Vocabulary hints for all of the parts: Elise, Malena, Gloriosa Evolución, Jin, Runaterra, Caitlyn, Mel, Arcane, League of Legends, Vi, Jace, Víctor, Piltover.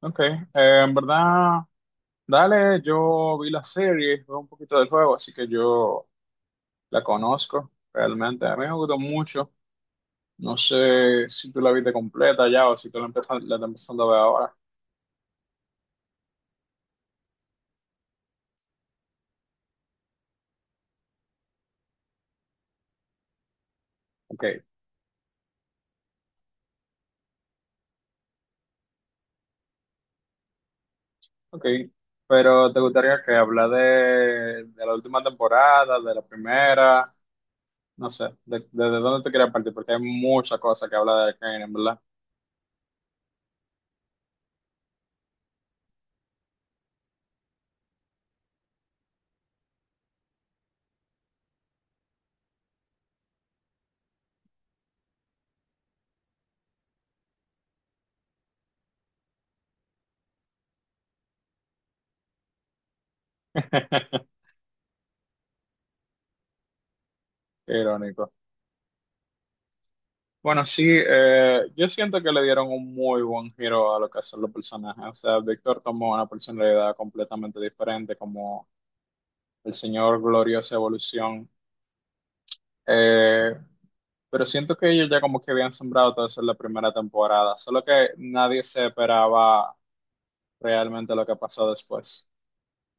Ok, en verdad, dale, yo vi la serie, vi un poquito del juego, así que yo la conozco realmente. A mí me gustó mucho. No sé si tú la viste completa ya o si tú la empiezas, la estás empezando a ver ahora. Ok, ok. Pero ¿te gustaría que hablar de la última temporada, de la primera? No sé, desde dónde te quieres partir, porque hay muchas cosas que hablar de Arcane, en verdad. Qué irónico. Bueno, sí, yo siento que le dieron un muy buen giro a lo que son los personajes. O sea, Víctor tomó una personalidad completamente diferente, como el señor Gloriosa Evolución. Eh, pero siento que ellos ya como que habían sembrado todo eso en la primera temporada, solo que nadie se esperaba realmente lo que pasó después.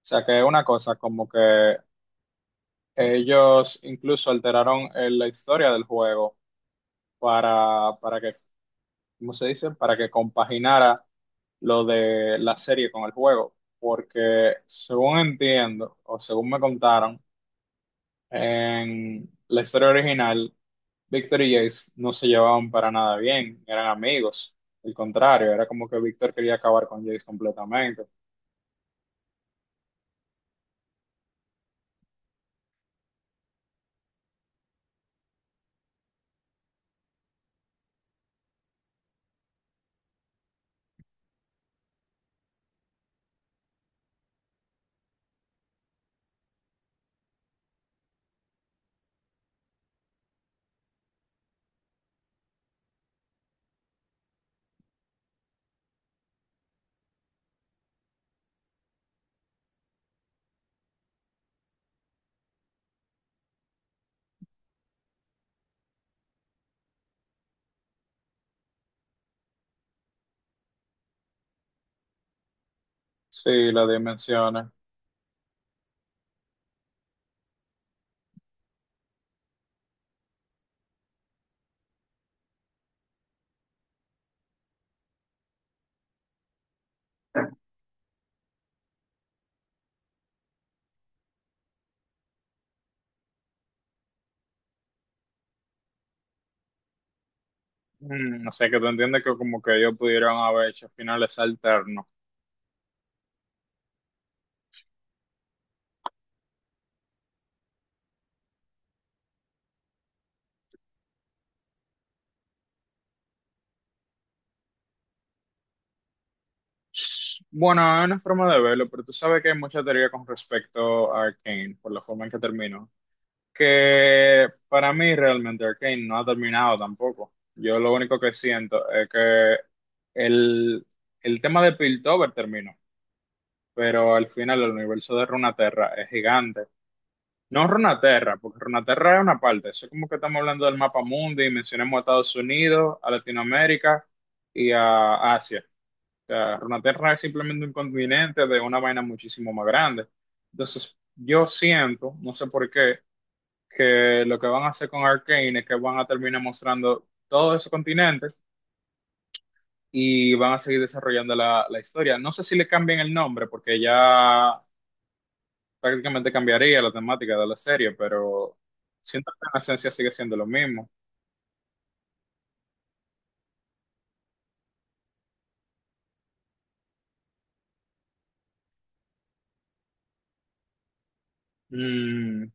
O sea, que una cosa como que ellos incluso alteraron la historia del juego para que ¿cómo se dice? Para que compaginara lo de la serie con el juego, porque según entiendo o según me contaron, en la historia original, Víctor y Jace no se llevaban para nada bien, eran amigos, al contrario, era como que Víctor quería acabar con Jace completamente. Sí, las dimensiones. Mm, o sea que tú entiendes que como que ellos pudieron haber hecho finales alternos. Bueno, es una forma de verlo, pero tú sabes que hay mucha teoría con respecto a Arcane, por la forma en que terminó. Que para mí realmente Arcane no ha terminado tampoco. Yo lo único que siento es que el, el tema de Piltover terminó, pero al final el universo de Runaterra es gigante. No Runaterra, porque Runaterra es una parte. Eso es como que estamos hablando del mapa mundi y mencionamos a Estados Unidos, a Latinoamérica y a Asia sea, Runaterra es simplemente un continente de una vaina muchísimo más grande. Entonces, yo siento, no sé por qué, que lo que van a hacer con Arcane es que van a terminar mostrando todos esos continentes y van a seguir desarrollando la historia. No sé si le cambian el nombre, porque ya prácticamente cambiaría la temática de la serie, pero siento que en esencia sigue siendo lo mismo. Mm.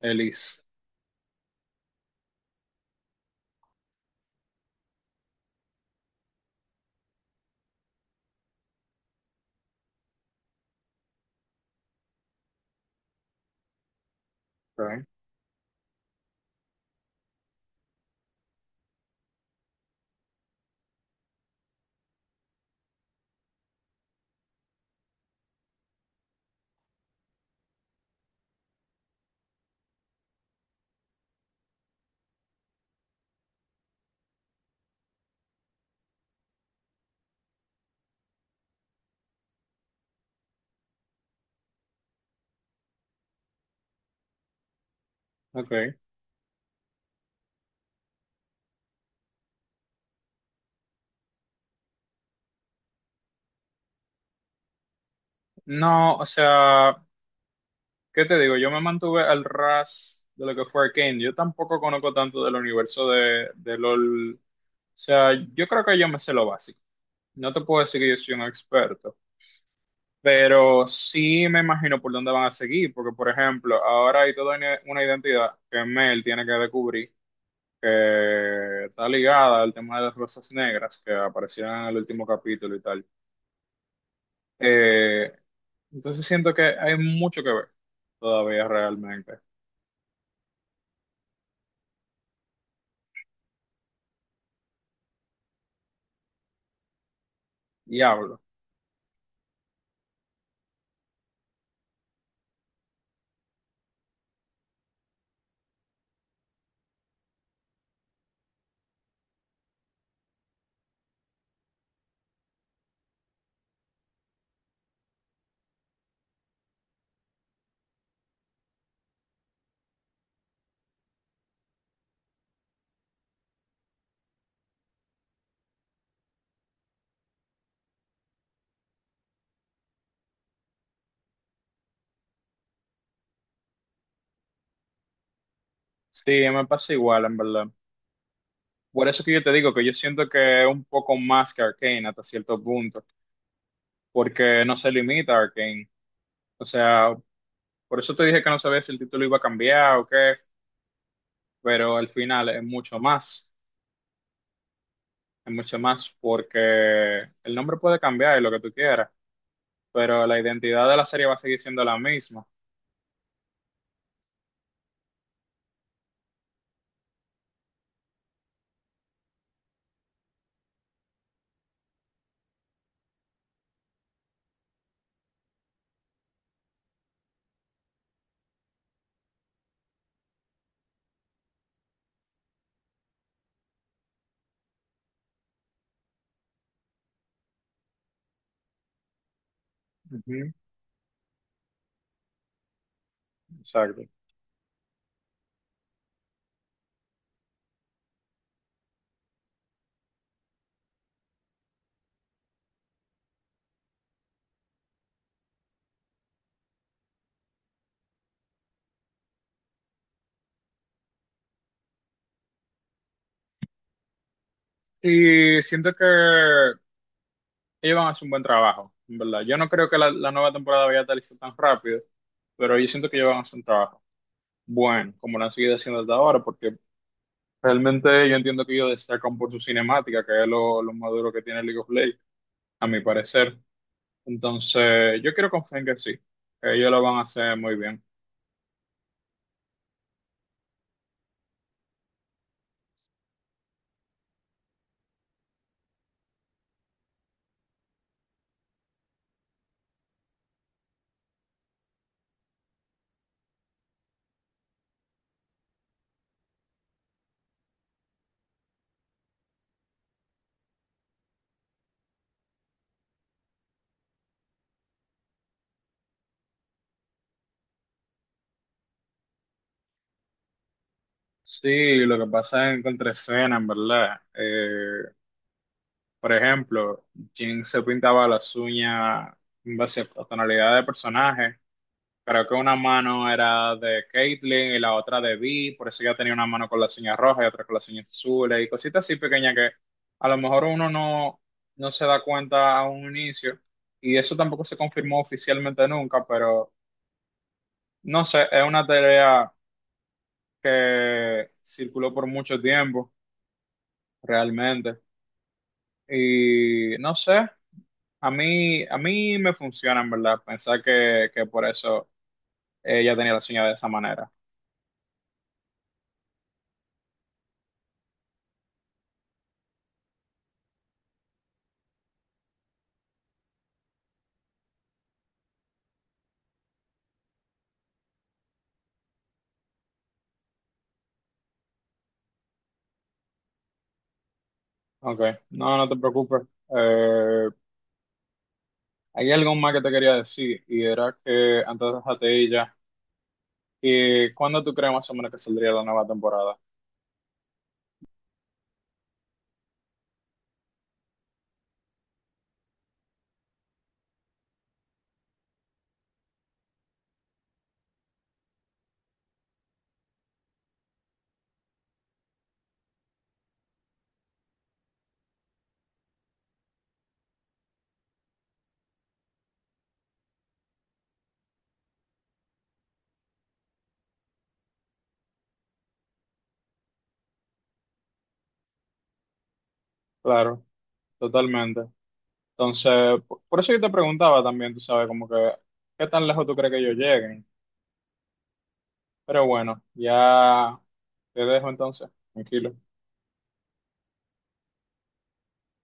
Elise. Ok. Ok. No, o sea. ¿Qué te digo? Yo me mantuve al ras de lo que fue Arcane. Yo tampoco conozco tanto del universo de LOL. O sea, yo creo que yo me sé lo básico. No te puedo decir que yo soy un experto, pero sí me imagino por dónde van a seguir, porque por ejemplo, ahora hay toda una identidad que Mel tiene que descubrir, que está ligada al tema de las rosas negras que aparecieron en el último capítulo y tal. Eh, entonces siento que hay mucho que ver todavía realmente. Diablo. Sí, me pasa igual, en verdad. Por eso que yo te digo que yo siento que es un poco más que Arcane hasta cierto punto, porque no se limita a Arcane. O sea, por eso te dije que no sabía si el título iba a cambiar o qué, pero al final es mucho más, porque el nombre puede cambiar y lo que tú quieras, pero la identidad de la serie va a seguir siendo la misma. Ujú, exacto. Y siento que ellos van a hacer un buen trabajo, en verdad. Yo no creo que la nueva temporada vaya a estar tan rápido, pero yo siento que ellos van a hacer un trabajo bueno, como lo han seguido haciendo hasta ahora, porque realmente yo entiendo que ellos destacan por su cinemática, que es lo más duro que tiene League of Legends, a mi parecer. Entonces, yo quiero confiar en que sí, que ellos lo van a hacer muy bien. Sí, lo que pasa es en contraescena, en verdad. Por ejemplo, Jin se pintaba las uñas en base a tonalidad de personaje. Creo que una mano era de Caitlyn y la otra de Vi, por eso ella tenía una mano con la señal roja y otra con la señal azul y cositas así pequeñas que a lo mejor uno no, no se da cuenta a un inicio y eso tampoco se confirmó oficialmente nunca, pero no sé, es una teoría que circuló por mucho tiempo realmente y no sé, a mí me funciona en verdad pensar que por eso ella tenía la señal de esa manera. Ok, no, no te preocupes. Eh, hay algo más que te quería decir y era que antes de ella, ¿y cuándo tú crees más o menos que saldría la nueva temporada? Claro, totalmente. Entonces, por eso yo te preguntaba también, tú sabes, como que, ¿qué tan lejos tú crees que ellos lleguen? Pero bueno, ya te dejo entonces, tranquilo.